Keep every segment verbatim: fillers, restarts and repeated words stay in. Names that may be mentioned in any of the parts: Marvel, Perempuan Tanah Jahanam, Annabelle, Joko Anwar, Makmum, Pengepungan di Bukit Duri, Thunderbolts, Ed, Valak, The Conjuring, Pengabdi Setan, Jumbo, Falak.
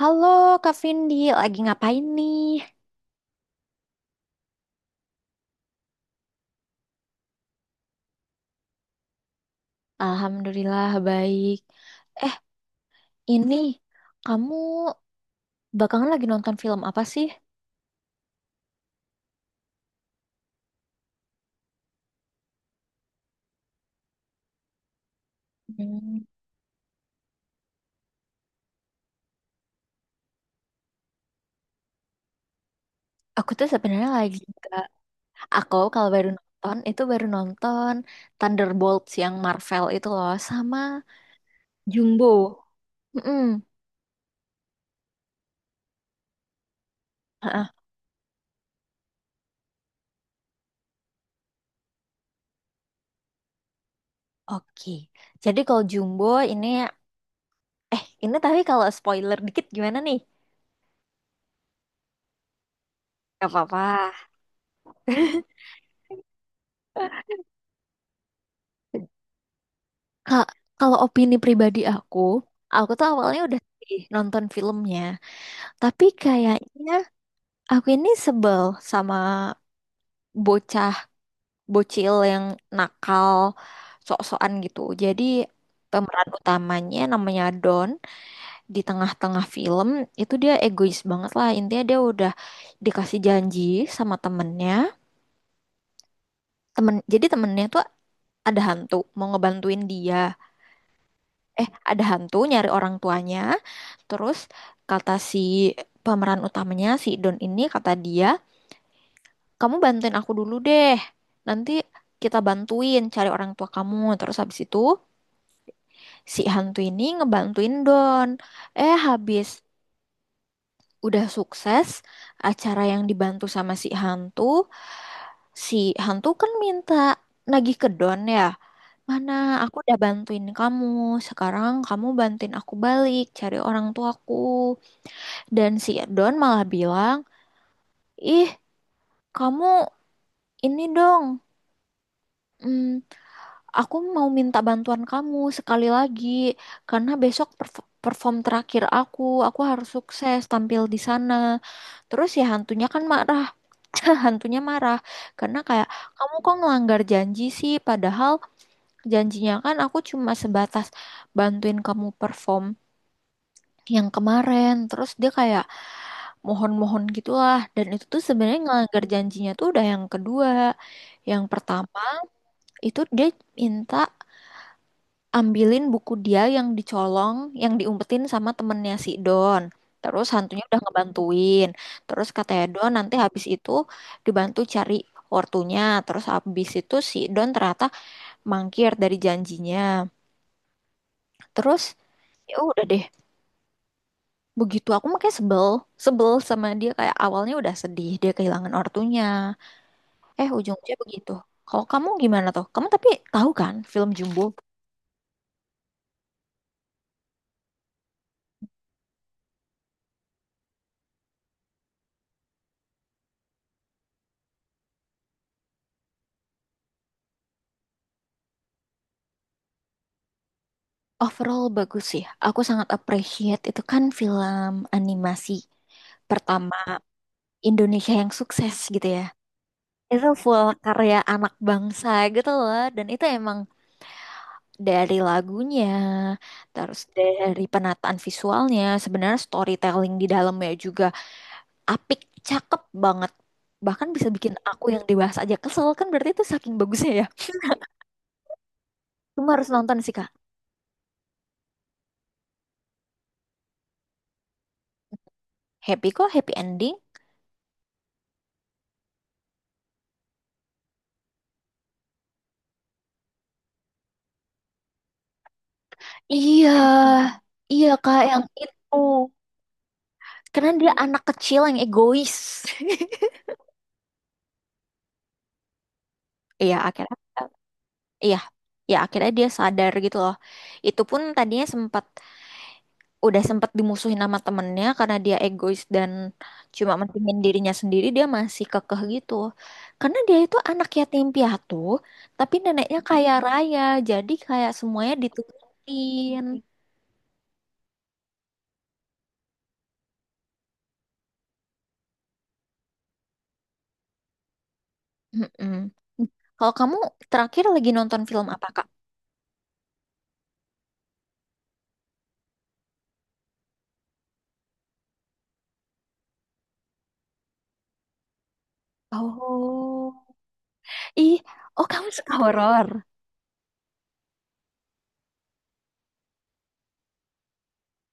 Halo Kak Vindi, lagi ngapain nih? Alhamdulillah baik. Eh, ini kamu bakalan lagi nonton film apa sih? Hmm, aku tuh sebenarnya lagi nggak. Aku kalau baru nonton itu baru nonton Thunderbolts yang Marvel itu loh sama Jumbo. Mm-mm. Heeh. Oke. Jadi kalau Jumbo ini eh ini tapi kalau spoiler dikit gimana nih? Gak apa-apa. Kak, kalau opini pribadi aku, aku tuh awalnya udah sih nonton filmnya, tapi kayaknya aku ini sebel sama bocah bocil yang nakal, sok-sokan gitu. Jadi pemeran utamanya namanya Don, di tengah-tengah film itu dia egois banget lah. Intinya dia udah dikasih janji sama temennya, temen jadi temennya tuh ada hantu mau ngebantuin dia. eh ada hantu nyari orang tuanya, terus kata si pemeran utamanya si Don, ini kata dia, kamu bantuin aku dulu deh, nanti kita bantuin cari orang tua kamu. Terus habis itu si hantu ini ngebantuin Don. Eh habis udah sukses acara yang dibantu sama si hantu, si hantu kan minta, nagih ke Don ya. Mana aku udah bantuin kamu, sekarang kamu bantuin aku balik, cari orang tuaku. Dan si Don malah bilang, ih kamu ini dong, mm, aku mau minta bantuan kamu sekali lagi karena besok perf- perform terakhir aku, aku harus sukses tampil di sana. Terus ya hantunya kan marah. Hantunya marah karena kayak, kamu kok ngelanggar janji sih, padahal janjinya kan aku cuma sebatas bantuin kamu perform yang kemarin. Terus dia kayak mohon-mohon gitulah, dan itu tuh sebenarnya ngelanggar janjinya tuh udah yang kedua. Yang pertama itu dia minta ambilin buku dia yang dicolong, yang diumpetin sama temennya si Don, terus hantunya udah ngebantuin. Terus katanya Don nanti habis itu dibantu cari ortunya. Terus habis itu si Don ternyata mangkir dari janjinya. Terus ya udah deh, begitu. Aku makanya sebel sebel sama dia, kayak awalnya udah sedih dia kehilangan ortunya, Eh, ujung-ujungnya begitu. Kalau kamu gimana tuh? Kamu tapi tahu kan film Jumbo? Overall bagus sih. Aku sangat appreciate, itu kan film animasi pertama Indonesia yang sukses gitu ya. Itu full karya anak bangsa gitu loh. Dan itu emang dari lagunya, terus dari penataan visualnya, sebenarnya storytelling di dalamnya juga apik, cakep banget. Bahkan bisa bikin aku yang dewasa aja kesel, kan berarti itu saking bagusnya ya. Cuma harus nonton sih Kak. Happy kok, happy ending? Iya, iya kak yang itu. Karena dia anak kecil yang egois. Iya, akhirnya, iya, ya akhirnya dia sadar gitu loh. Itu pun tadinya sempat udah sempat dimusuhin sama temennya karena dia egois dan cuma mentingin dirinya sendiri, dia masih kekeh gitu. Karena dia itu anak yatim piatu, tapi neneknya kaya raya, jadi kayak semuanya diturutin. Mm-mm. Kalau kamu terakhir lagi nonton film apa, Kak? Oh. Ih. Oh, kamu suka horor.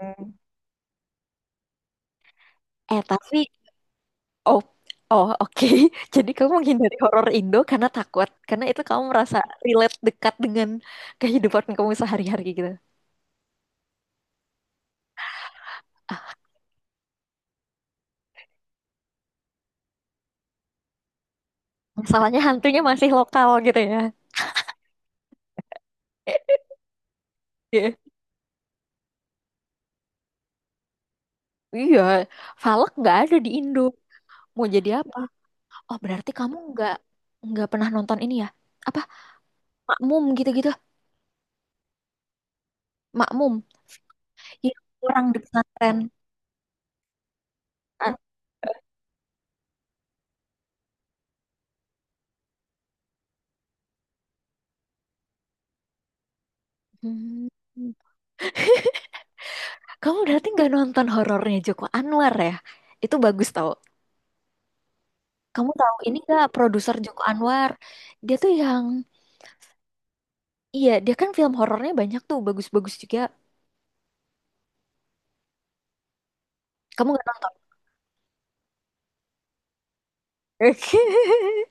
Hmm. Eh, tapi oh, oh, oke. Jadi kamu menghindari horor Indo karena takut, karena itu kamu merasa relate dekat dengan kehidupan kamu sehari-hari gitu. Masalahnya hantunya masih lokal gitu ya. Eh, iya, iya, Valak nggak ada di Indo. Mau jadi apa? Oh, berarti kamu nggak nggak pernah nonton ini ya? Apa Makmum gitu-gitu? Makmum. Iya, kurang di pesantren. Ah. Hmm. Kamu berarti nggak nonton horornya Joko Anwar ya? Itu bagus tau. Kamu tahu ini nggak produser Joko Anwar? Dia tuh yang, iya dia kan film horornya banyak tuh, bagus-bagus juga. Kamu nggak nonton?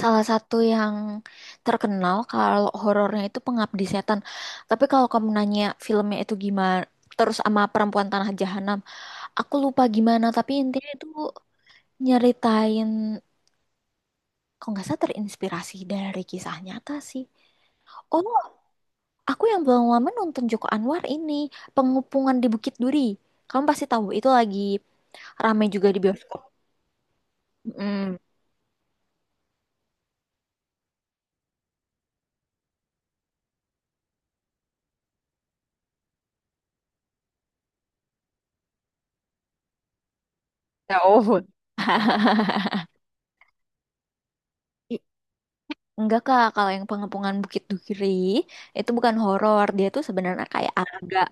Salah satu yang terkenal kalau horornya itu Pengabdi Setan. Tapi kalau kamu nanya filmnya itu gimana, terus sama Perempuan Tanah Jahanam, aku lupa gimana. Tapi intinya itu nyeritain, kalau nggak salah terinspirasi dari kisah nyata sih. Oh, aku yang belum lama nonton Joko Anwar ini, Pengepungan di Bukit Duri. Kamu pasti tahu, itu lagi rame juga di bioskop. Mm. Oh. I- Enggak kak, kalau yang Pengepungan Bukit Duri itu bukan horor, dia tuh sebenarnya kayak agak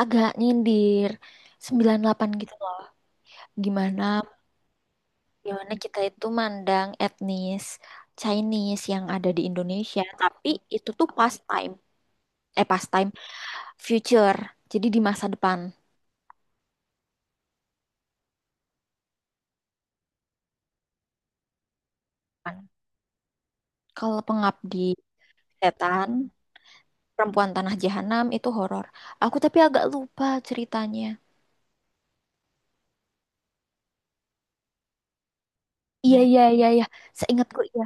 agak nyindir sembilan delapan gitu loh. Gimana gimana kita itu mandang etnis Chinese yang ada di Indonesia, tapi itu tuh pastime. Eh pastime, future, jadi di masa depan. Kalau Pengabdi Setan, Perempuan Tanah Jahanam itu horor. Aku tapi agak lupa ceritanya. Iya, iya, iya, iya. Seingatku iya.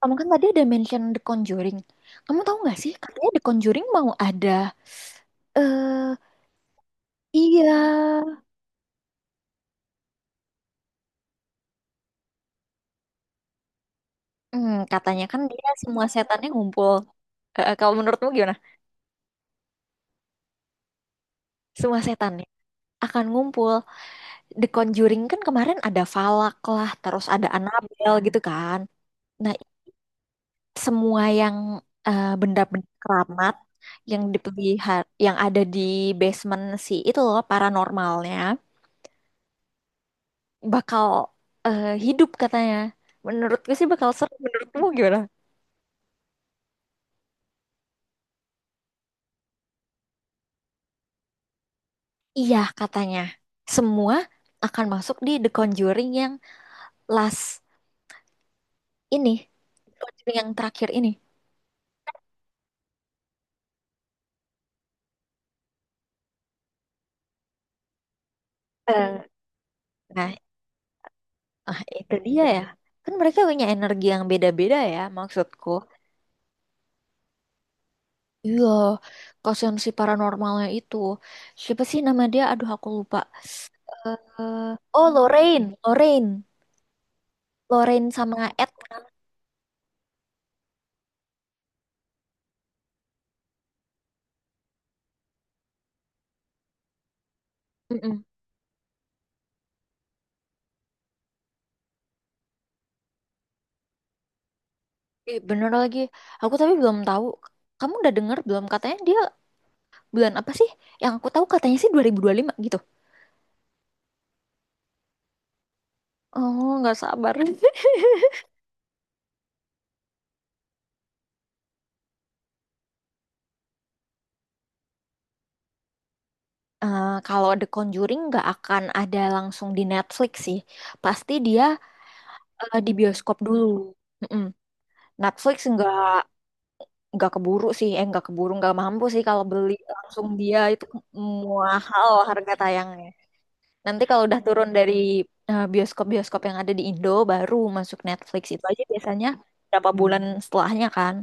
Kamu kan tadi ada mention The Conjuring. Kamu tahu nggak sih, katanya The Conjuring mau ada. Eh, iya. Hmm, katanya kan dia semua setannya ngumpul. Eh, eh, kalau menurutmu gimana? Semua setannya akan ngumpul. The Conjuring kan kemarin ada Falak lah, terus ada Annabelle gitu kan. Nah, semua yang eh, benda-benda keramat yang dipelihara yang ada di basement si itu loh paranormalnya bakal eh, hidup katanya. Menurutku sih bakal seru. Menurutmu gimana? Iya katanya. Semua akan masuk di The Conjuring yang last ini. The Conjuring yang terakhir ini. Eh, nah, ah, itu dia ya. Kan mereka punya energi yang beda-beda ya maksudku. Iya, kasihan si paranormalnya itu. Siapa sih nama dia? Aduh, aku lupa. eh oh, Lorraine, Lorraine, Lorraine sama Ed. Mm-mm. Ih, bener lagi. Aku tapi belum tahu. Kamu udah denger belum? Katanya dia bulan apa sih? Yang aku tahu katanya sih dua ribu dua puluh lima gitu. Oh, nggak sabar. Eh, kalau The Conjuring nggak akan ada langsung di Netflix sih. Pasti dia eh, di bioskop dulu. Mm-mm. Netflix nggak nggak keburu sih, eh nggak keburu nggak mampu sih, kalau beli langsung dia itu mahal harga tayangnya. Nanti kalau udah turun dari eh, bioskop-bioskop yang ada di Indo baru masuk Netflix itu aja biasanya berapa bulan setelahnya kan.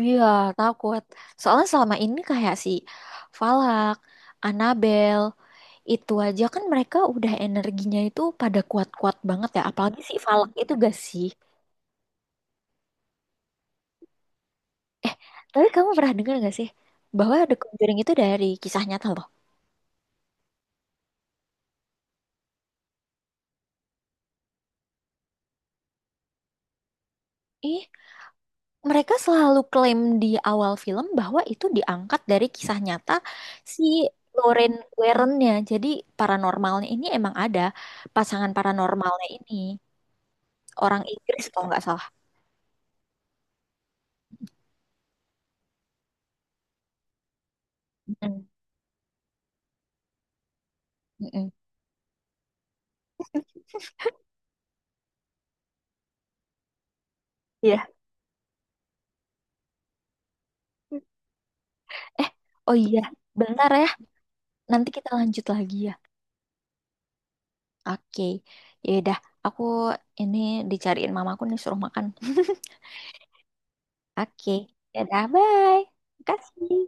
Iya takut soalnya selama ini kayak si Falak, Annabelle itu aja kan mereka udah energinya itu pada kuat-kuat banget ya, apalagi si Falak itu gak sih. Eh tapi kamu pernah dengar gak sih bahwa The Conjuring itu dari kisah nyata loh. Ih, mereka selalu klaim di awal film bahwa itu diangkat dari kisah nyata si Lorraine Warren-nya. Jadi paranormalnya ini emang ada, pasangan paranormalnya ini orang Inggris kalau nggak salah. Mm. Mm-mm. Iya. Eh, oh iya, bentar ya. Nanti kita lanjut lagi ya. Oke, ya udah. Aku ini dicariin mamaku nih suruh makan. Oke, dadah, bye. Makasih.